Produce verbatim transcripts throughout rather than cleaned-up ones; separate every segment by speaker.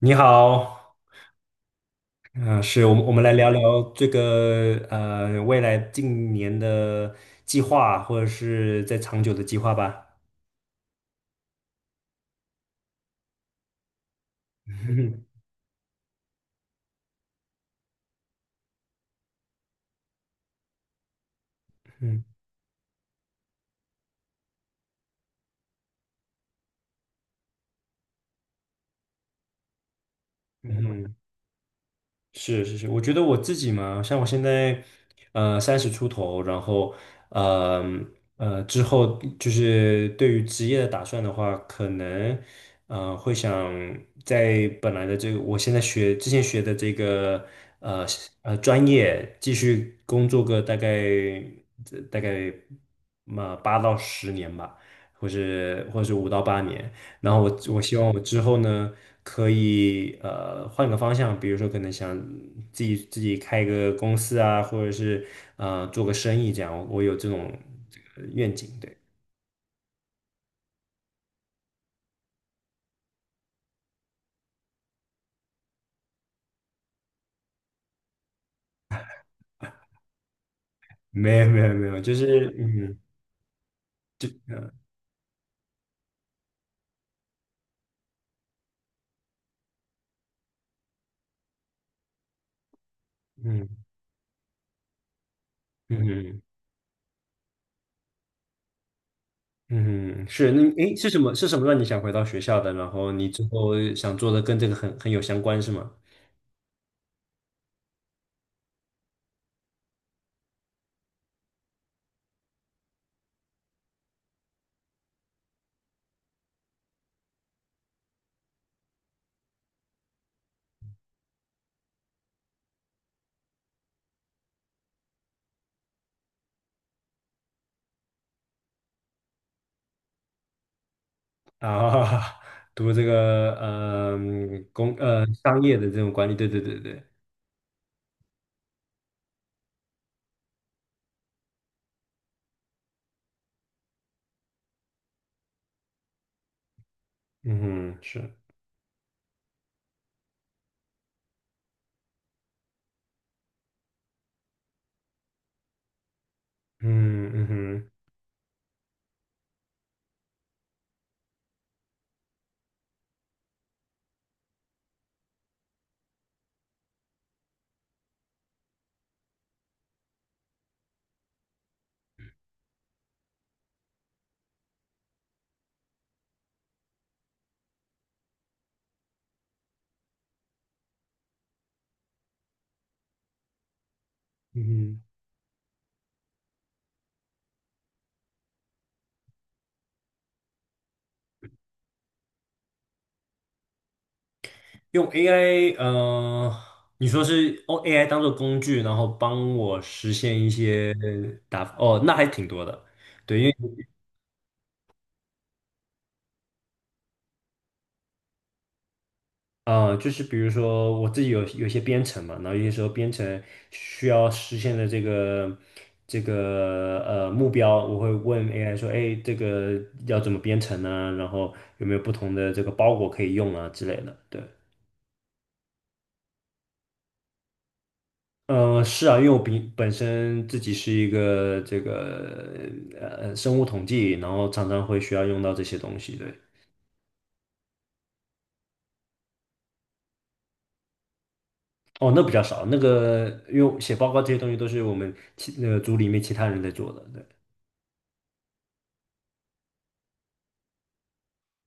Speaker 1: 你好。嗯、是我们我们来聊聊这个呃未来近年的计划，或者是在长久的计划吧。嗯嗯嗯是是是，我觉得我自己嘛，像我现在，呃，三十出头，然后，呃呃，之后就是对于职业的打算的话，可能，呃，会想在本来的这个，我现在学之前学的这个，呃呃，专业继续工作个大概大概嘛八到十年吧，或是或是五到八年。然后我我希望我之后呢，可以呃换个方向，比如说可能想自己自己开一个公司啊，或者是呃做个生意这样，我有这种这个愿景。对，没有没有没有，就是嗯嗯嗯嗯嗯，是那诶是什么是什么让你想回到学校的？然后你之后想做的跟这个很很有相关是吗？啊，读这个呃嗯工呃商业的这种管理，对对对对。嗯哼，是。嗯嗯哼嗯哼，用 A I,呃，你说是用 A I 当做工具，然后帮我实现一些打，哦，那还挺多的。对，因为呃，就是比如说我自己有有一些编程嘛，然后有些时候编程需要实现的这个这个呃目标，我会问 A I 说，哎，这个要怎么编程呢？然后有没有不同的这个包裹可以用啊之类的？对。呃，是啊，因为我比本身自己是一个这个呃生物统计，然后常常会需要用到这些东西。对。哦，那比较少，那个因为写报告这些东西都是我们其那个组里面其他人在做的。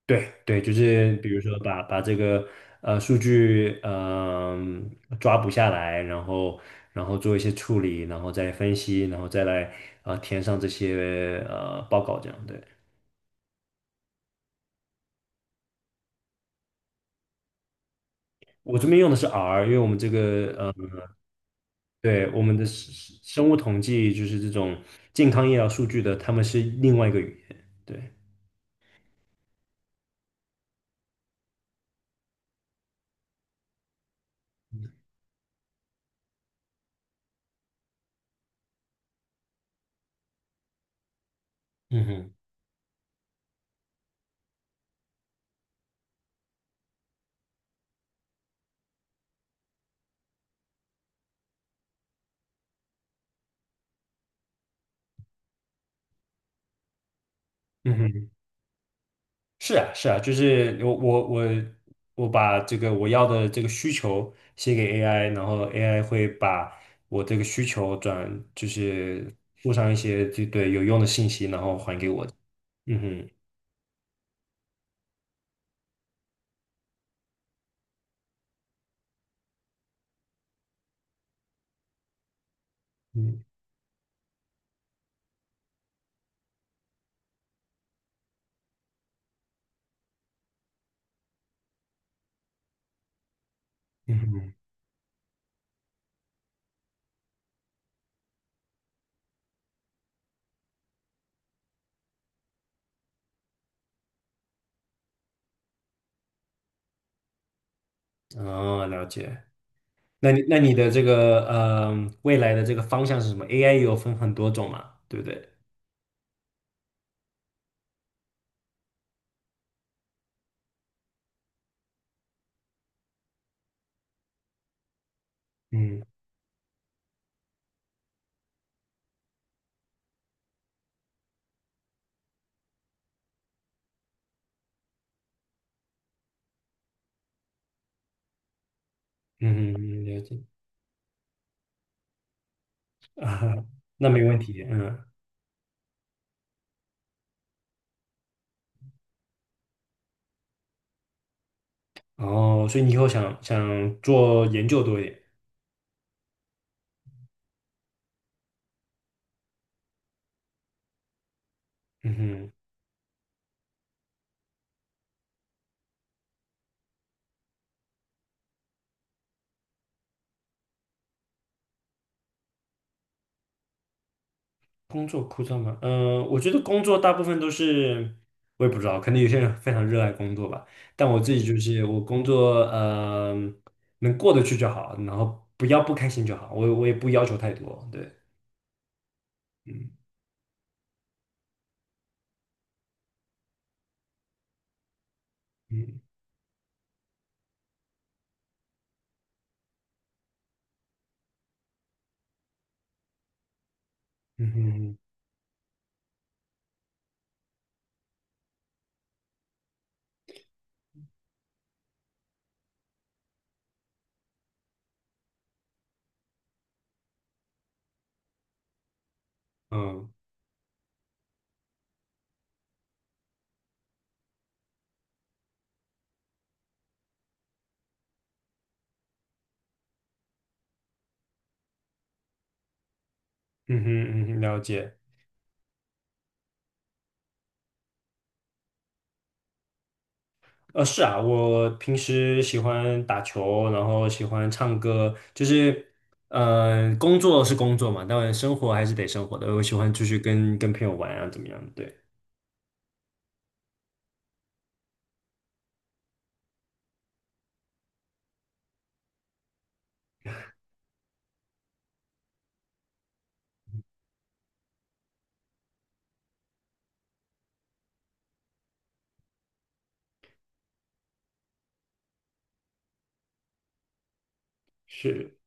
Speaker 1: 对，对，对，就是比如说把把这个呃数据嗯、抓捕下来，然后然后做一些处理，然后再分析，然后再来呃填上这些呃报告这样。对。我这边用的是 R,因为我们这个。呃。对，我们的生生物统计就是这种健康医疗数据的，他们是另外一个语言。对。嗯哼。嗯哼。是啊，是啊，就是我我我我把这个我要的这个需求写给 A I,然后 A I 会把我这个需求转，就是附上一些就对有用的信息，然后还给我。嗯哼。嗯嗯哼，哦，了解。那你那你的这个呃未来的这个方向是什么？A I 有分很多种嘛，对不对？嗯。嗯，嗯了解。啊，那没问题。嗯。哦，所以你以后想想做研究多一点。嗯哼。工作枯燥吗？嗯、我觉得工作大部分都是，我也不知道，可能有些人非常热爱工作吧，但我自己就是我工作，呃，能过得去就好，然后不要不开心就好，我我也不要求太多。对。嗯嗯嗯哼嗯嗯哼嗯哼了解。呃，是啊，我平时喜欢打球，然后喜欢唱歌，就是，嗯、工作是工作嘛，当然生活还是得生活的。我喜欢出去跟跟朋友玩啊，怎么样？对。是。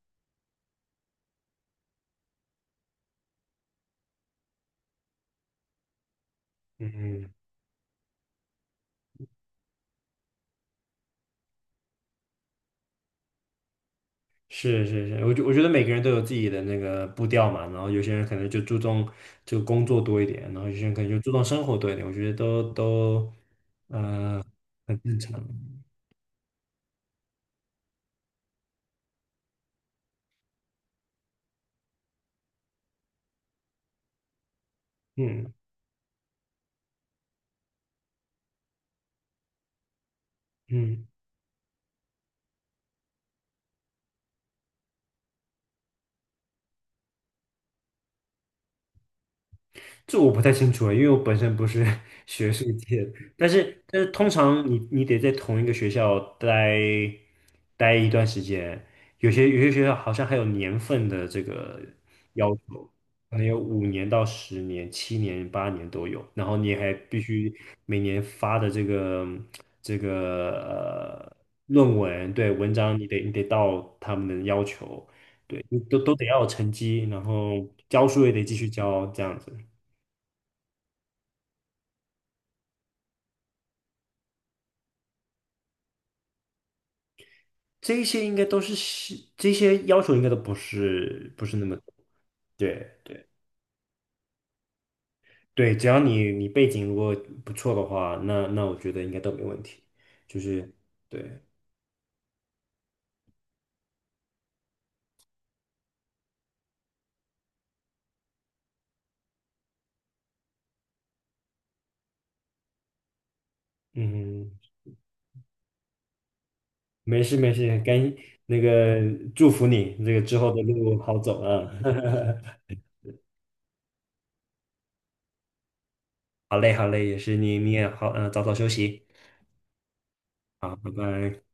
Speaker 1: 嗯。是是是，我觉我觉得每个人都有自己的那个步调嘛，然后有些人可能就注重就工作多一点，然后有些人可能就注重生活多一点，我觉得都都呃，很正常。嗯嗯。这我不太清楚了，因为我本身不是 学术界的。但是但是通常你你得在同一个学校待待一段时间，有些有些学校好像还有年份的这个要求，可能有五年到十年、七年、八年都有，然后你还必须每年发的这个这个呃论文，对，文章你得你得到他们的要求。对，你都都得要有成绩，然后教书也得继续教，这样子。这些应该都是西这些要求应该都不是不是那么，对对对，只要你你背景如果不错的话，那那我觉得应该都没问题。就是，对。嗯。没事没事，赶那个祝福你这个之后的路好走啊。好嘞好嘞，也是你你也好，嗯、早早休息。好，拜拜。